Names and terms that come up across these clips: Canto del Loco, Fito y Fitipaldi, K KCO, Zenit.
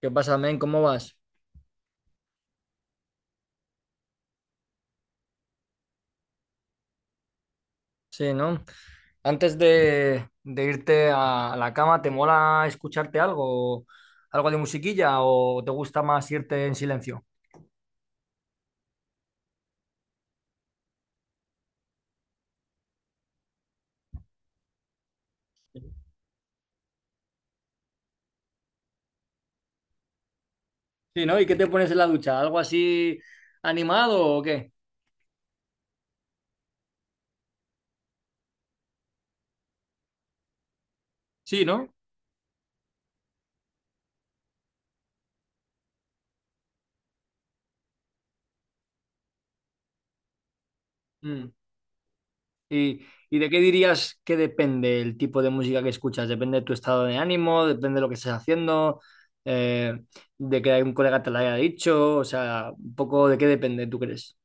¿Qué pasa, men? ¿Cómo vas? Sí, ¿no? Antes de irte a la cama, ¿te mola escucharte algo? ¿Algo de musiquilla o te gusta más irte en silencio? Sí, ¿no? ¿Y qué te pones en la ducha? ¿Algo así animado o qué? Sí, ¿no? Mm. ¿Y, ¿Y, de qué dirías que depende el tipo de música que escuchas? ¿Depende de tu estado de ánimo? ¿Depende de lo que estés haciendo? Eh, ¿De que algún colega te lo haya dicho? O sea, un poco de qué depende, ¿tú crees?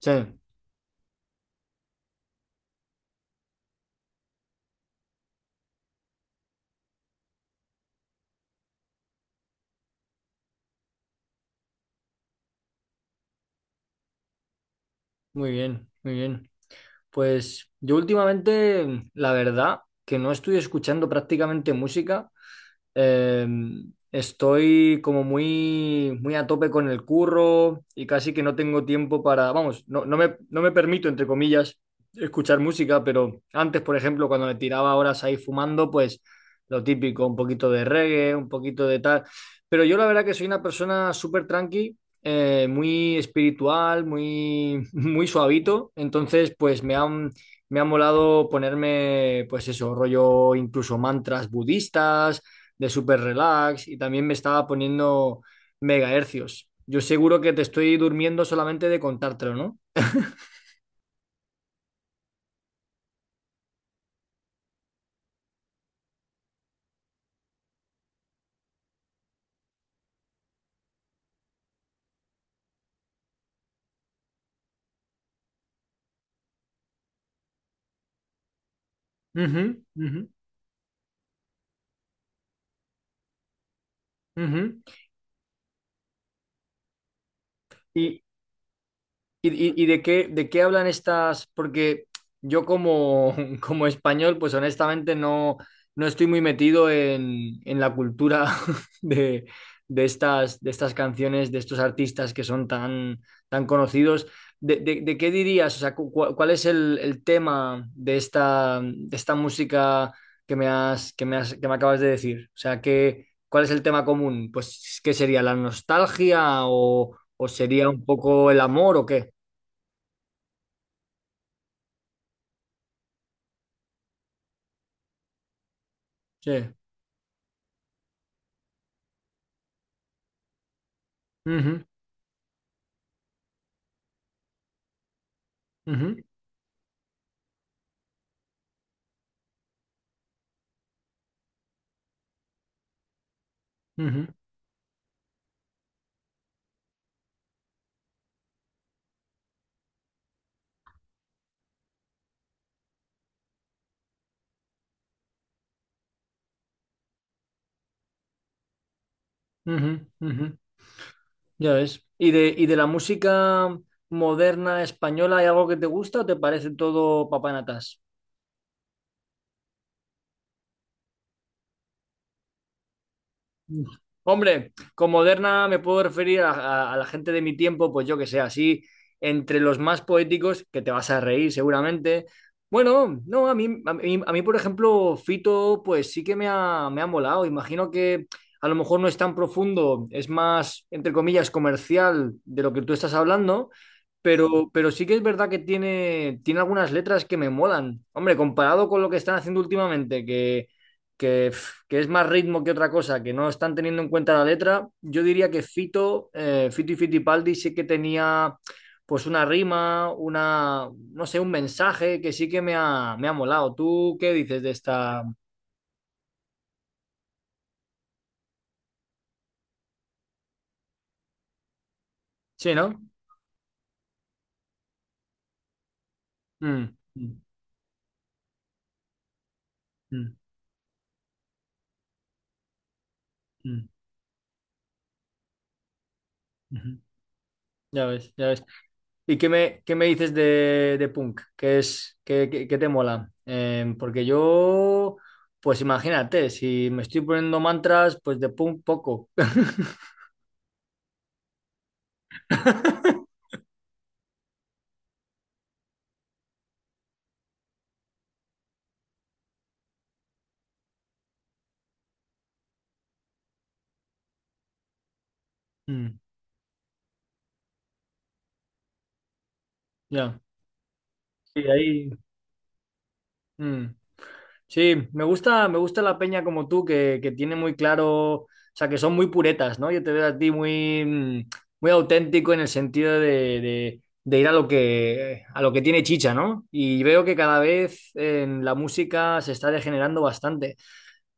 Sí, muy bien, muy bien. Pues yo últimamente, la verdad, que no estoy escuchando prácticamente música, eh, estoy como muy, muy a tope con el curro y casi que no tengo tiempo para, vamos, no, no me, no me permito, entre comillas, escuchar música, pero antes, por ejemplo, cuando me tiraba horas ahí fumando, pues lo típico, un poquito de reggae, un poquito de tal. Pero yo la verdad que soy una persona súper tranqui, muy espiritual, muy, muy suavito, entonces pues me han... Me ha molado ponerme, pues eso, rollo incluso mantras budistas, de super relax y también me estaba poniendo megahercios. Yo seguro que te estoy durmiendo solamente de contártelo, ¿no? Ujú, ujú, ujú. Y, ¿Y, y de qué hablan estas? Porque yo como, como español, pues honestamente no, no estoy muy metido en la cultura de, de estas canciones, de estos artistas que son tan, tan conocidos. ¿De, de qué dirías? O sea, ¿cuál es el tema de esta música que me has, que me acabas de decir? O sea, ¿qué, cuál es el tema común? Pues, ¿qué sería? ¿La nostalgia o sería un poco el amor o qué? Sí. Ujú, ujú, ujú, ujú, ujú. Ya ves. Y de la música moderna española hay algo que te gusta o te parece todo papanatas? Hombre, con moderna me puedo referir a, a la gente de mi tiempo, pues yo que sé, así entre los más poéticos, que te vas a reír seguramente. Bueno, no, a mí, a mí, a mí, por ejemplo, Fito, pues sí que me ha molado. Imagino que a lo mejor no es tan profundo, es más, entre comillas, comercial de lo que tú estás hablando, pero sí que es verdad que tiene, tiene algunas letras que me molan. Hombre, comparado con lo que están haciendo últimamente, que, pf, que es más ritmo que otra cosa, que no están teniendo en cuenta la letra, yo diría que Fito, Fito y Fitipaldi sí que tenía pues una rima, una, no sé, un mensaje que sí que me ha molado. ¿Tú qué dices de esta? Sí, ¿no? Mm, mm, mm, mm, ujú. Ya ves, ya ves. ¿Y qué me dices de Punk? ¿Qué es, qué, qué te mola? Porque yo, pues imagínate, si me estoy poniendo mantras, pues de Punk poco. Mm, ya. Sí, ahí. Mm. Sí, me gusta la peña como tú, que tiene muy claro, o sea, que son muy puretas, ¿no? Yo te veo a ti muy, mm, muy auténtico en el sentido de, de ir a lo que tiene chicha, ¿no? Y veo que cada vez en la música se está degenerando bastante.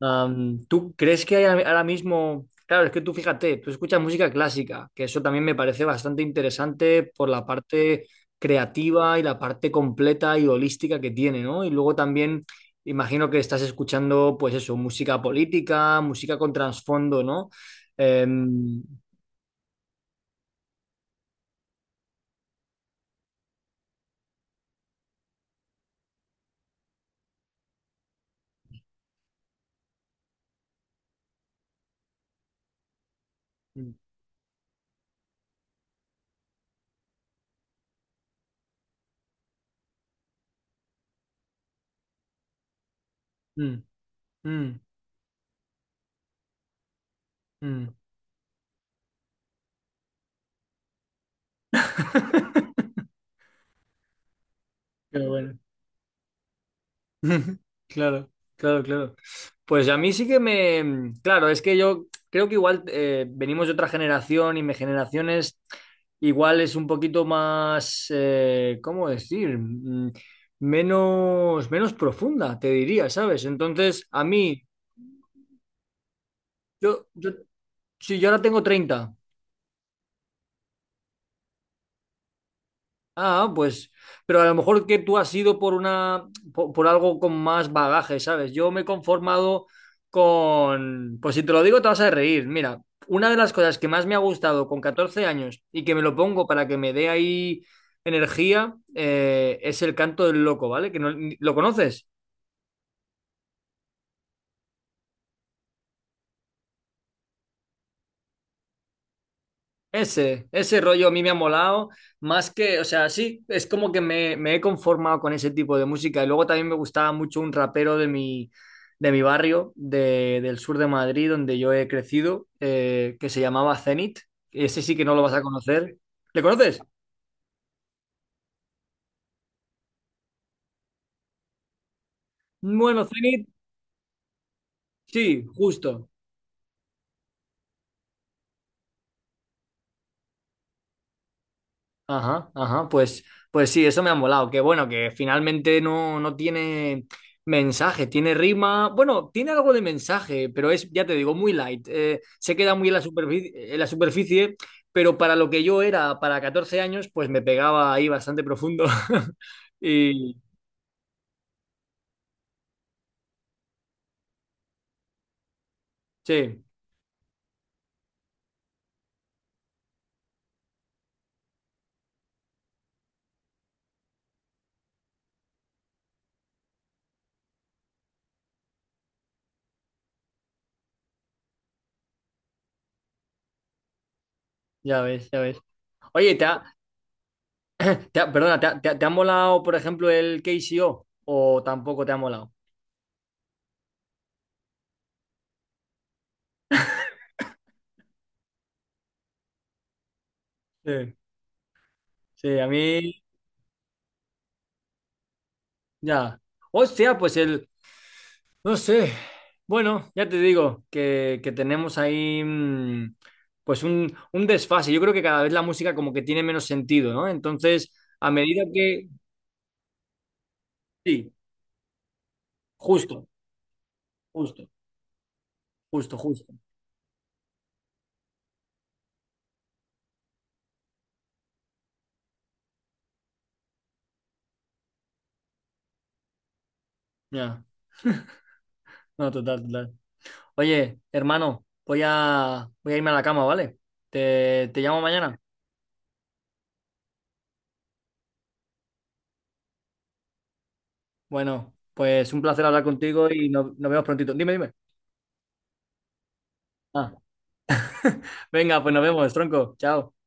Am, ¿tú crees que hay ahora mismo? Claro, es que tú fíjate, tú escuchas música clásica, que eso también me parece bastante interesante por la parte creativa y la parte completa y holística que tiene, ¿no? Y luego también imagino que estás escuchando, pues eso, música política, música con trasfondo, ¿no? Em, mm, mm, mm. Pero bueno. Claro, claro, claro. Pues a mí sí que me... mm. Claro, es que yo creo que igual venimos de otra generación y mi generación es... Igual es un poquito más... ¿cómo decir? Mm, menos, menos profunda, te diría, ¿sabes? Entonces, a mí, yo, sí, yo ahora tengo 30. Ah, pues, pero a lo mejor que tú has ido por una, por algo con más bagaje, ¿sabes? Yo me he conformado con, pues si te lo digo te vas a reír. Mira, una de las cosas que más me ha gustado con 14 años y que me lo pongo para que me dé ahí energía, es el canto del loco, ¿vale? Que no, ¿lo conoces? Ese rollo a mí me ha molado, más que, o sea, sí, es como que me he conformado con ese tipo de música. Y luego también me gustaba mucho un rapero de mi barrio, de, del sur de Madrid, donde yo he crecido, que se llamaba Zenit. Ese sí que no lo vas a conocer. ¿Le conoces? Bueno, Zenit, sí, justo. Ajá, ajá, pues, pues sí, eso me ha molado. Que bueno, que finalmente no, no tiene mensaje, tiene rima. Bueno, tiene algo de mensaje, pero es, ya te digo, muy light. Se queda muy en la superficie, pero para lo que yo era para 14 años, pues me pegaba ahí bastante profundo. Y sí, ya ves, ya ves. Oye, perdona, ¿te ha, te ha molado, por ejemplo, el K KCO? ¿O tampoco te ha molado? Sí, sí, a mí ya. Hostia, pues el. No sé. Bueno, ya te digo que tenemos ahí mm, pues un desfase. Yo creo que cada vez la música como que tiene menos sentido, ¿no? Entonces, a medida que... Sí, justo, justo, justo, justo. Ya, no, total, total. Oye, hermano, voy a, voy a irme a la cama, ¿vale? Te llamo mañana. Bueno, pues un placer hablar contigo y nos vemos prontito. Dime, dime. Ah, venga, pues nos vemos, tronco. Chao.